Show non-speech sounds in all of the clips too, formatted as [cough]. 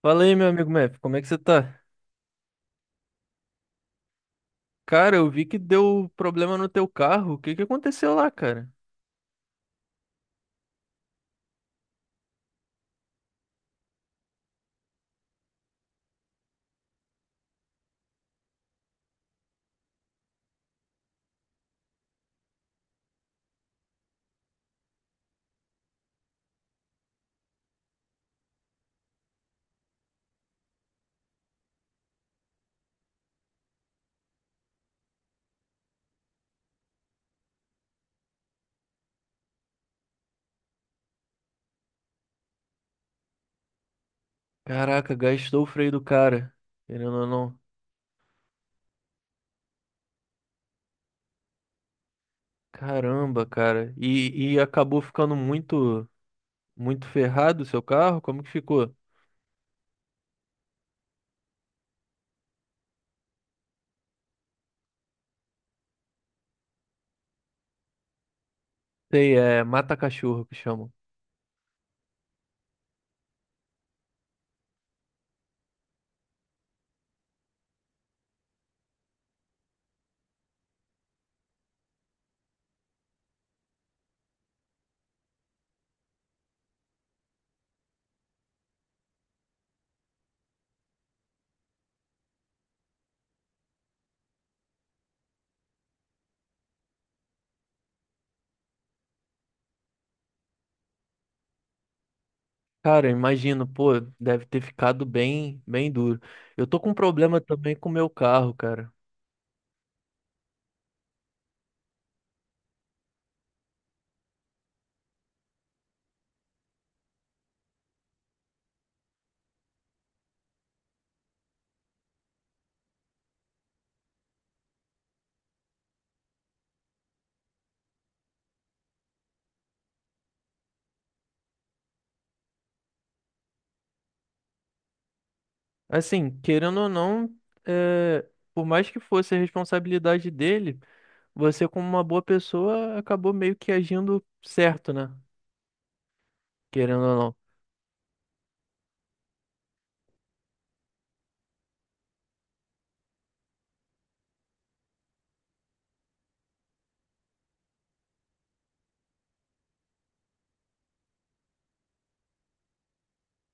Fala aí, meu amigo Mef, como é que você tá? Cara, eu vi que deu problema no teu carro. O que que aconteceu lá, cara? Caraca, gastou o freio do cara. Querendo ou não. Caramba, cara. E acabou ficando muito, muito ferrado o seu carro? Como que ficou? Sei, é mata-cachorro que chamam. Cara, eu imagino, pô, deve ter ficado bem, bem duro. Eu tô com um problema também com o meu carro, cara. Assim, querendo ou não, é, por mais que fosse a responsabilidade dele. Você, como uma boa pessoa, acabou meio que agindo certo, né? Querendo ou não.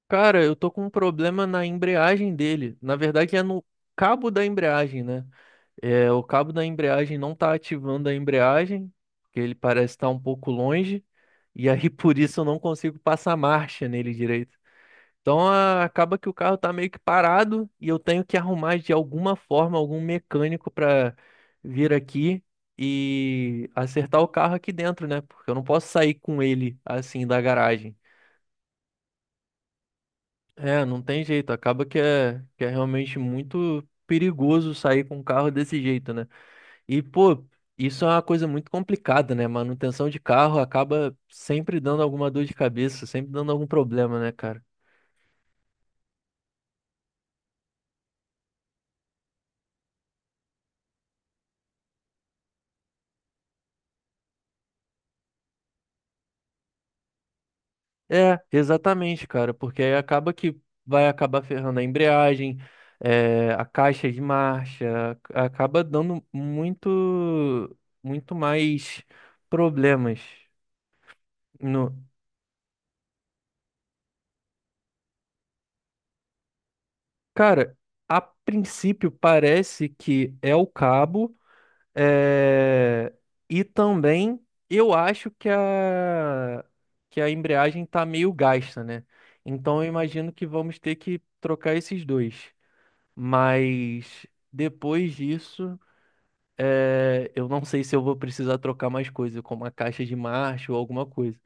Cara, eu tô com um problema na embreagem dele. Na verdade, é no cabo da embreagem, né? É, o cabo da embreagem não tá ativando a embreagem, porque ele parece estar um pouco longe. E aí, [laughs] por isso, eu não consigo passar marcha nele direito. Então acaba que o carro tá meio que parado e eu tenho que arrumar de alguma forma algum mecânico para vir aqui e acertar o carro aqui dentro, né? Porque eu não posso sair com ele assim da garagem. É, não tem jeito. Acaba que é realmente muito perigoso sair com um carro desse jeito, né? E, pô, isso é uma coisa muito complicada, né? Manutenção de carro acaba sempre dando alguma dor de cabeça, sempre dando algum problema, né, cara? É, exatamente, cara, porque aí acaba que vai acabar ferrando a embreagem, a caixa de marcha, acaba dando muito, muito mais problemas no. Cara, a princípio parece que é o cabo, eh, e também eu acho que a embreagem tá meio gasta, né? Então eu imagino que vamos ter que trocar esses dois. Mas depois disso, é, eu não sei se eu vou precisar trocar mais coisa, como a caixa de marcha ou alguma coisa.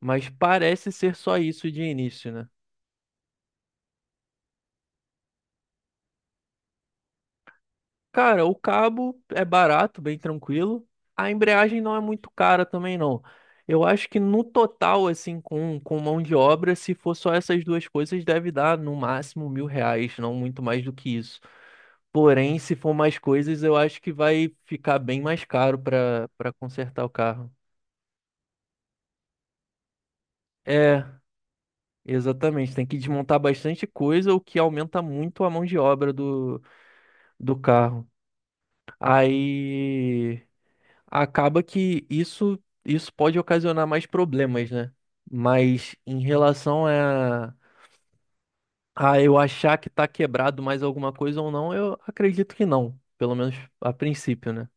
Mas parece ser só isso de início, né? Cara, o cabo é barato, bem tranquilo. A embreagem não é muito cara também, não. Eu acho que no total, assim, com mão de obra, se for só essas duas coisas, deve dar no máximo 1.000 reais, não muito mais do que isso. Porém, se for mais coisas, eu acho que vai ficar bem mais caro para consertar o carro. É, exatamente. Tem que desmontar bastante coisa, o que aumenta muito a mão de obra do carro. Aí, acaba que isso pode ocasionar mais problemas, né? Mas em relação a eu achar que tá quebrado mais alguma coisa ou não, eu acredito que não, pelo menos a princípio, né?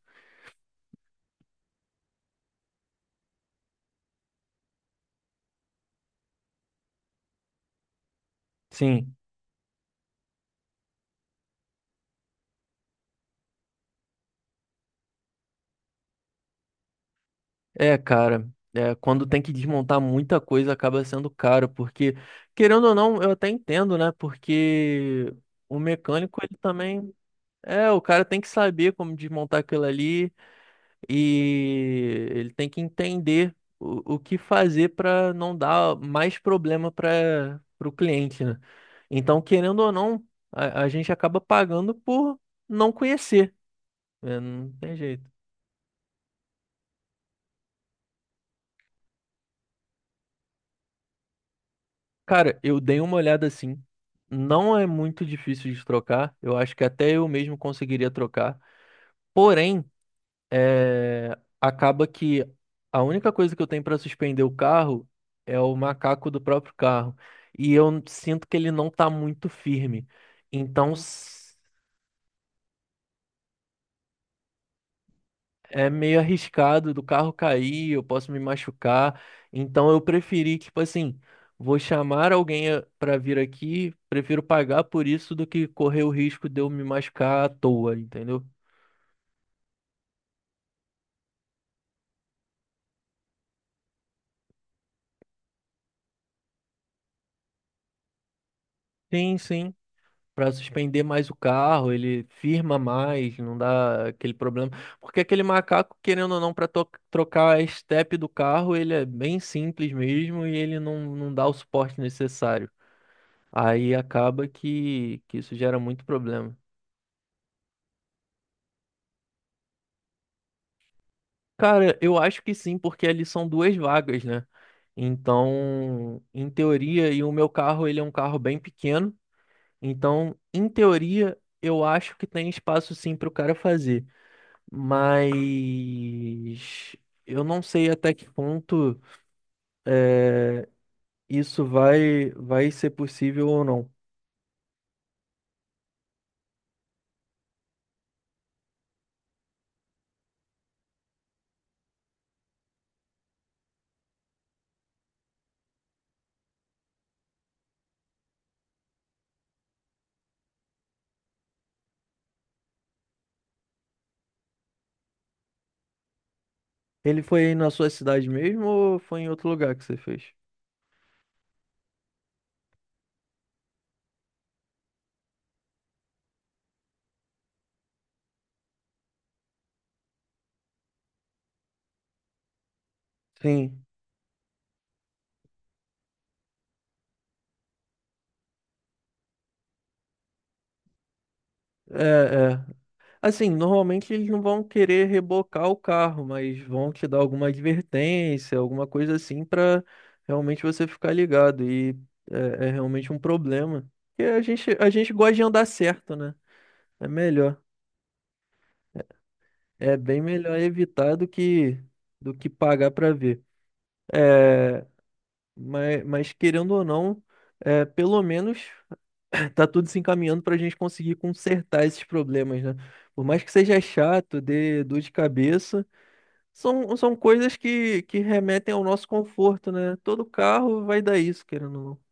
Sim, é, cara, é, quando tem que desmontar muita coisa acaba sendo caro, porque querendo ou não, eu até entendo, né? Porque o mecânico ele também é, o cara tem que saber como desmontar aquilo ali e ele tem que entender o que fazer para não dar mais problema para o cliente, né? Então, querendo ou não, a gente acaba pagando por não conhecer, né? Não tem jeito. Cara, eu dei uma olhada assim. Não é muito difícil de trocar. Eu acho que até eu mesmo conseguiria trocar. Porém, é, acaba que a única coisa que eu tenho para suspender o carro é o macaco do próprio carro. E eu sinto que ele não tá muito firme. Então é meio arriscado do carro cair, eu posso me machucar. Então eu preferi, tipo assim, vou chamar alguém para vir aqui, prefiro pagar por isso do que correr o risco de eu me machucar à toa, entendeu? Sim, sim. Pra suspender mais o carro, ele firma mais, não dá aquele problema. Porque aquele macaco, querendo ou não, para trocar a estepe do carro, ele é bem simples mesmo e ele não, não dá o suporte necessário. Aí acaba que isso gera muito problema. Cara, eu acho que sim, porque ali são duas vagas, né? Então, em teoria, e o meu carro, ele é um carro bem pequeno, então, em teoria, eu acho que tem espaço sim para o cara fazer. Mas eu não sei até que ponto é, isso vai ser possível ou não. Ele foi aí na sua cidade mesmo ou foi em outro lugar que você fez? Sim, é, é. Assim, normalmente eles não vão querer rebocar o carro, mas vão te dar alguma advertência, alguma coisa assim, pra realmente você ficar ligado. E é, é realmente um problema. Porque a gente gosta de andar certo, né? É melhor. É bem melhor evitar do que pagar para ver. É, mas querendo ou não, é, pelo menos [clears throat] tá tudo se encaminhando para a gente conseguir consertar esses problemas, né? Por mais que seja chato, dê dor de cabeça, são, são coisas que remetem ao nosso conforto, né? Todo carro vai dar isso, querendo ou não.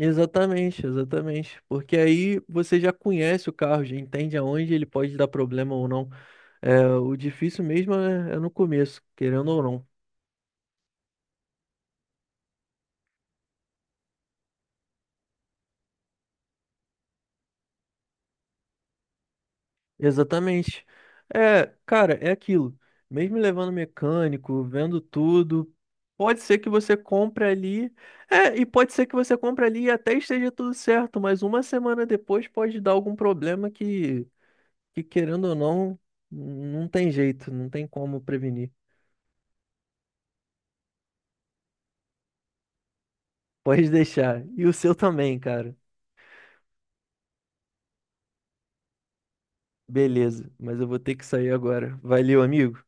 Exatamente, exatamente. Porque aí você já conhece o carro, já entende aonde ele pode dar problema ou não. É, o difícil mesmo é, é no começo, querendo ou não. Exatamente. É, cara, é aquilo. Mesmo levando mecânico, vendo tudo, pode ser que você compre ali. É, e pode ser que você compre ali e até esteja tudo certo, mas uma semana depois pode dar algum problema que querendo ou não, não tem jeito, não tem como prevenir. [laughs] Pode deixar. E o seu também, cara. Beleza, mas eu vou ter que sair agora. Valeu, amigo.